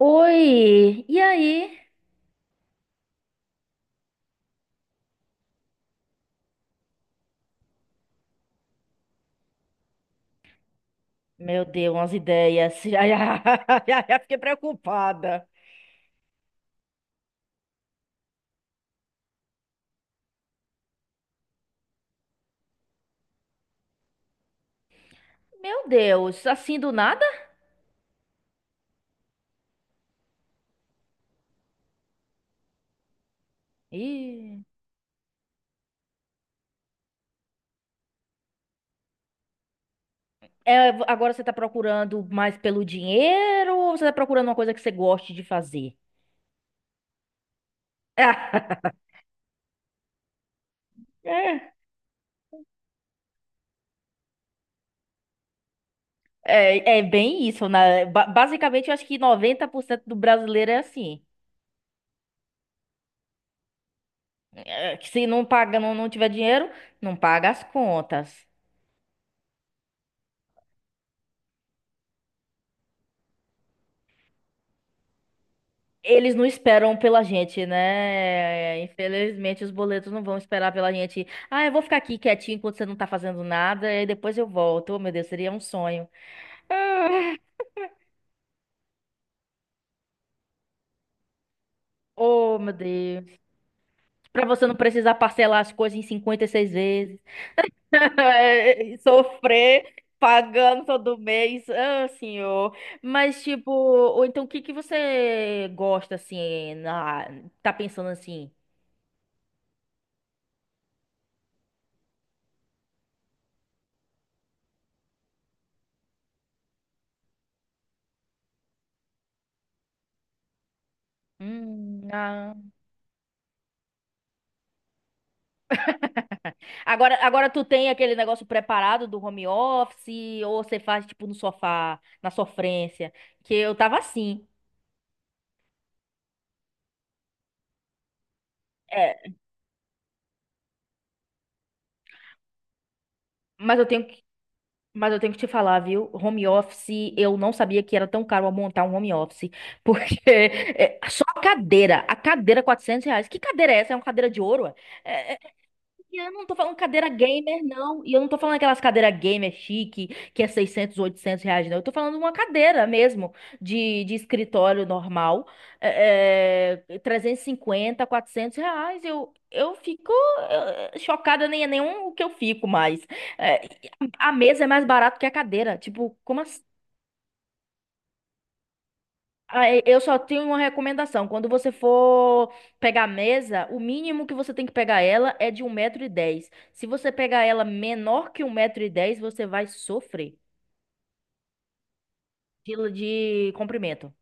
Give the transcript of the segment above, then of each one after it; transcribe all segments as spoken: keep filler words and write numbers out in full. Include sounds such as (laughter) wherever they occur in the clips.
Oi, e aí? Meu Deus, umas ideias. (laughs) Ai, ai, ai, ai, fiquei preocupada. Meu Deus, assim do nada? Ih. É, agora você tá procurando mais pelo dinheiro ou você tá procurando uma coisa que você goste de fazer? (laughs) É, é, é bem isso, né? Ba- Basicamente, eu acho que noventa por cento do brasileiro é assim. É, que se não paga, não, não tiver dinheiro, não paga as contas. Eles não esperam pela gente, né? Infelizmente, os boletos não vão esperar pela gente. Ah, eu vou ficar aqui quietinho enquanto você não tá fazendo nada e depois eu volto. Oh, meu Deus, seria um sonho. Ah, oh, meu Deus. Pra você não precisar parcelar as coisas em cinquenta e seis vezes. (laughs) Sofrer pagando todo mês. Ah, senhor. Mas, tipo, ou então o que que você gosta, assim, na... tá pensando assim? Hum, ah. Agora, agora tu tem aquele negócio preparado do home office ou você faz tipo no sofá, na sofrência, que eu tava assim. É, mas eu tenho que, mas eu tenho que te falar, viu? Home office, eu não sabia que era tão caro montar um home office, porque (laughs) é, só a cadeira, a cadeira quatrocentos reais. Que cadeira é essa? É uma cadeira de ouro? Ué? É, e eu não tô falando cadeira gamer, não. E eu não tô falando aquelas cadeiras gamer chique, que é seiscentos oitocentos reais, não. Eu tô falando uma cadeira mesmo, de, de escritório normal, é, é, trezentos e cinquenta quatrocentos reais. Eu, eu fico é, chocada, nem é nenhum o que eu fico mais. É, e a a mesa é mais barato que a cadeira. Tipo, como ah, e- eu só tenho uma recomendação. Quando você for pegar a mesa, o mínimo que você tem que pegar ela é de um metro e dez. Se você pegar ela menor que um metro e dez, você vai sofrer de, de comprimento.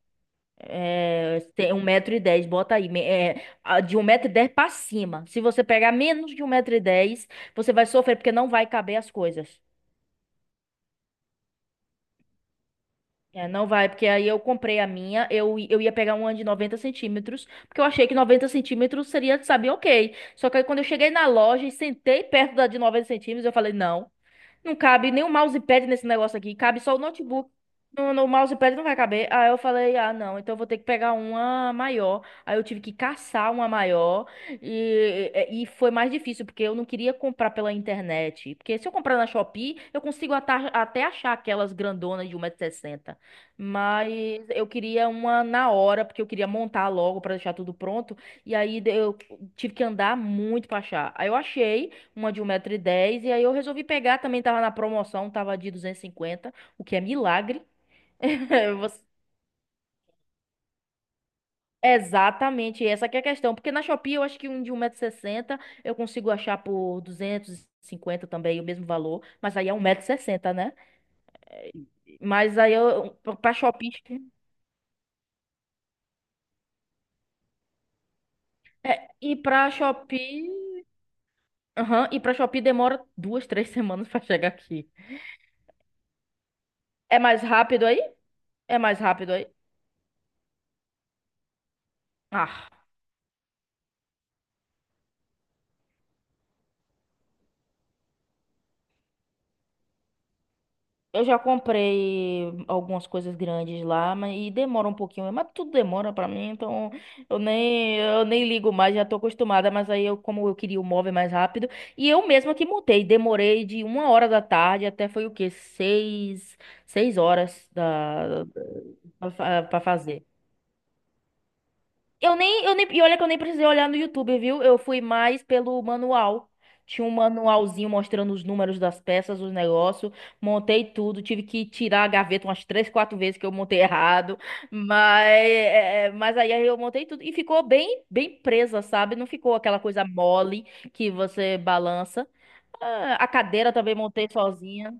É, tem um metro e dez, bota aí. Me- É, a- de um metro e dez pra cima. Se você pegar menos de um metro e dez, você vai sofrer porque não vai caber as coisas. É, não vai, porque aí eu comprei a minha, eu, eu ia pegar uma de noventa centímetros, porque eu achei que noventa centímetros seria, sabe, ok. Só que aí quando eu cheguei na loja e sentei perto da de noventa centímetros, eu falei, não, não cabe nem o mousepad nesse negócio aqui, cabe só o notebook. No, no mousepad não vai caber. Aí eu falei, ah, não, então eu vou ter que pegar uma maior. Aí eu tive que caçar uma maior e, e e foi mais difícil, porque eu não queria comprar pela internet. Porque se eu comprar na Shopee, eu consigo atar- até achar aquelas grandonas de 160 sessenta. Mas eu queria uma na hora, porque eu queria montar logo para deixar tudo pronto. E aí de- eu tive que andar muito pra achar. Aí eu achei uma de um metro e dez e aí eu resolvi pegar, também tava na promoção, tava de duzentos e cinquenta o que é milagre. (laughs) É, Você- exatamente, essa que é a questão, porque na Shopee eu acho que um de um metro e sessenta eu consigo achar por duzentos e cinquenta também, o mesmo valor, mas aí é um metro e sessenta, né? Mas aí eu, pra Shopee, é, e pra Shopee, aham, e pra Shopee demora duas, três semanas pra chegar aqui. É mais rápido aí? É mais rápido aí? Ah. Eu já comprei algumas coisas grandes lá, mas e demora um pouquinho, mas tudo demora pra mim, então eu nem eu nem ligo mais, já tô acostumada, mas aí eu como eu queria o móvel mais rápido, e eu mesma que montei, demorei de uma hora da tarde até foi o quê? Seis, seis horas da, da, pra fa- pra fazer. Eu nem, eu nem, e olha que eu nem precisei olhar no YouTube, viu? Eu fui mais pelo manual. Tinha um manualzinho mostrando os números das peças, os negócios. Montei tudo, tive que tirar a gaveta umas três, quatro vezes que eu montei (laughs) errado. Mas, é, é, mas aí eu montei tudo e ficou bem, bem presa, sabe? Não ficou aquela coisa mole que você balança. Ah, a cadeira também montei sozinha.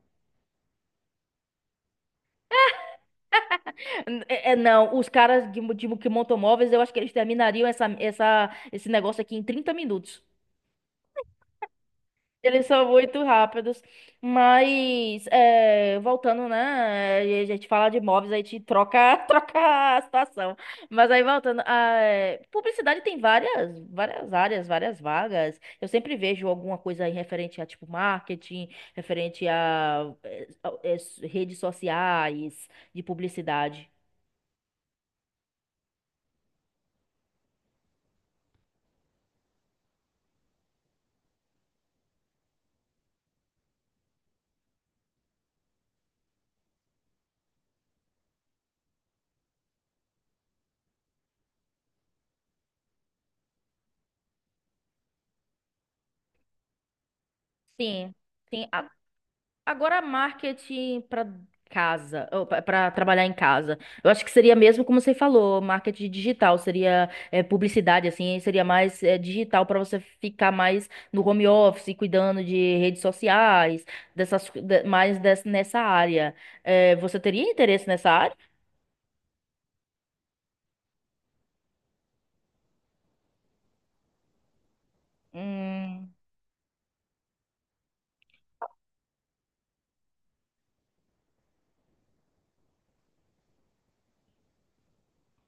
N- É, é, não, os caras de, mo- de, mo- que montam móveis, eu acho que eles terminariam essa, essa, esse negócio aqui em trinta minutos. Eles são muito rápidos, mas é, voltando, né? A gente fala de imóveis, a gente troca, (laughs) troca a situação. Mas aí voltando, a eh, publicidade tem várias, várias áreas, várias vagas. Eu sempre vejo alguma coisa aí referente a tipo marketing, referente a, é, a- é, redes sociais de publicidade. Sim, sim. Agora, marketing para casa, para trabalhar em casa. Eu acho que seria mesmo como você falou, marketing digital, seria é, publicidade, assim, seria mais é, digital para você ficar mais no home office, cuidando de redes sociais, dessas, co- de- mais des- nessa área. É, você teria interesse nessa área? Hum,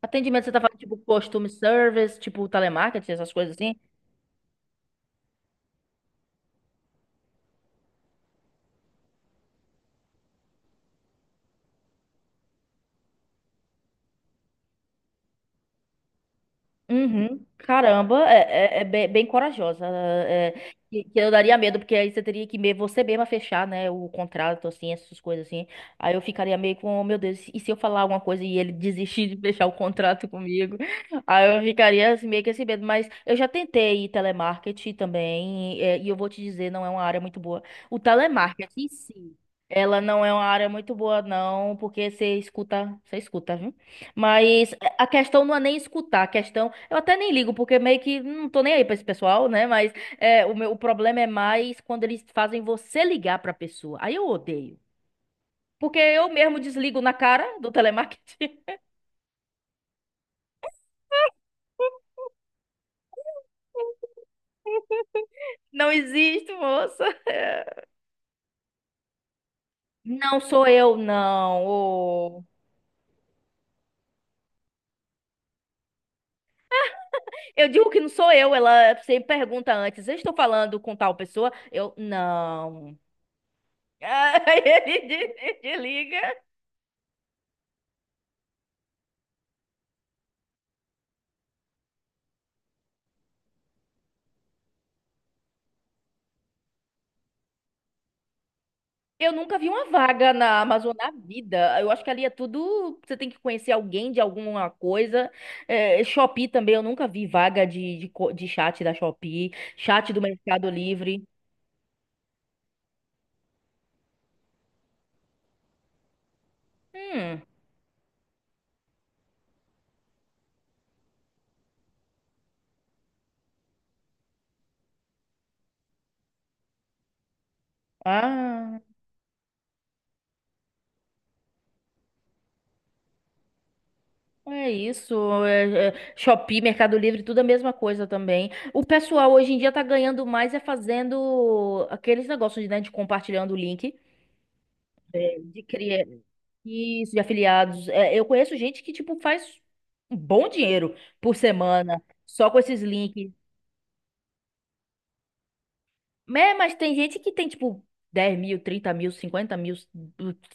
atendimento, você tá falando tipo costume service, tipo telemarketing, essas coisas assim? Uhum. Caramba, é, é- é bem, bem corajosa. É, que, que eu daria medo, porque aí você teria que me- você mesma fechar, né, o contrato, assim, essas coisas assim. Aí eu ficaria meio com, "Oh, meu Deus, e se eu falar alguma coisa e ele (laughs) desistir de fechar o contrato comigo?" Aí eu ficaria assim, meio que esse medo. Mas eu já tentei telemarketing também, é, e eu vou te dizer, não é uma área muito boa. O telemarketing, em si, ela não é uma área muito boa, não, porque você escuta, você escuta, viu? Mas a questão não é nem escutar, a questão. Eu até nem ligo, porque meio que não tô nem aí pra esse pessoal, né? Mas é, o meu o problema é mais quando eles fazem você ligar pra pessoa. Aí eu odeio. Porque eu mesmo desligo na cara do telemarketing. (laughs) Não existe, moça. Não sou eu, não. Ô. Eu digo que não sou eu. Ela sempre pergunta antes: eu estou falando com tal pessoa? Eu, não. (laughs) Aí ele de- desliga. Eu nunca vi uma vaga na Amazon na vida. Eu acho que ali é tudo. Você tem que conhecer alguém de alguma coisa. É, Shopee também, eu nunca vi vaga de, de, co- de chat da Shopee, chat do Mercado Livre. Hum, ah, é isso. É, é, Shopee, Mercado Livre, tudo a mesma coisa também. O pessoal hoje em dia tá ganhando mais é fazendo aqueles negócios, né, de compartilhando o link. É, de criar. Isso, de afiliados. É, eu conheço gente que, tipo, faz um bom dinheiro por semana só com esses links. É, mas tem gente que tem, tipo, dez mil, trinta mil, cinquenta mil,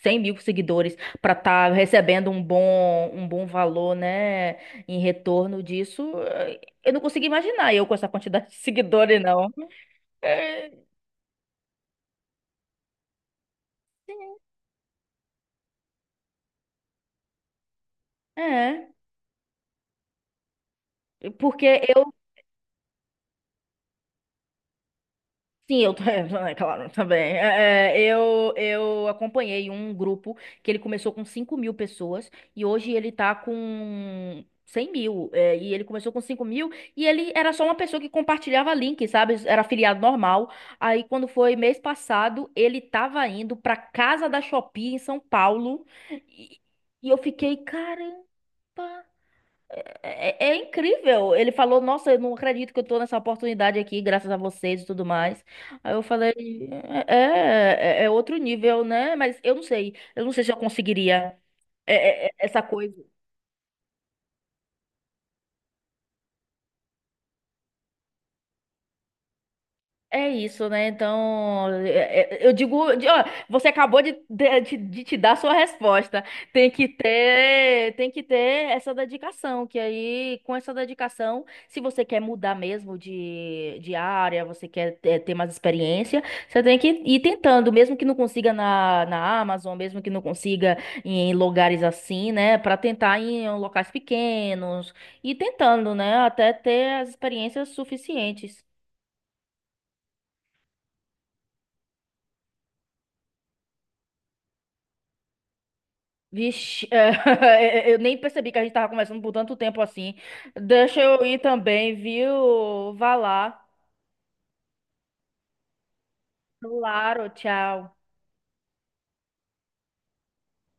cem mil seguidores pra tá recebendo um bom, um bom valor, né? Em retorno disso. Eh, eu não consigo imaginar eu com essa quantidade de seguidores, não. É, é, porque eu Sim, eu, (laughs) é claro, também. É, é, eu, eu acompanhei um grupo que ele começou com cinco mil pessoas e hoje ele tá com cem mil. É, e ele começou com cinco mil e ele era só uma pessoa que compartilhava link, sabe? Era afiliado normal. Aí, quando foi mês passado, ele tava indo pra casa da Shopee em São Paulo e, e eu fiquei, caramba. É, é é incrível. Ele falou, nossa, eu não acredito que eu tô nessa oportunidade aqui, graças a vocês e tudo mais. Aí eu falei, é, é, é é outro nível, né? Mas eu não sei. Eu não sei se eu conseguiria é, é, é, essa coisa. É isso, né? Então, é- é- eu digo, de- ó, você acabou de, de, de- de te dar sua resposta. Tem que ter, tem que ter essa dedicação, que aí, com essa dedicação, se você quer mudar mesmo de, de área, você quer ter, ter mais experiência, você tem que ir tentando, mesmo que não consiga na, na Amazon, mesmo que não consiga em lugares assim, né? Para tentar em locais pequenos, e tentando, né? Até ter as experiências suficientes. Vixe, é, (laughs) eu nem percebi que a gente tava conversando por tanto tempo assim. Deixa eu ir também, viu? Vá lá. Claro, tchau.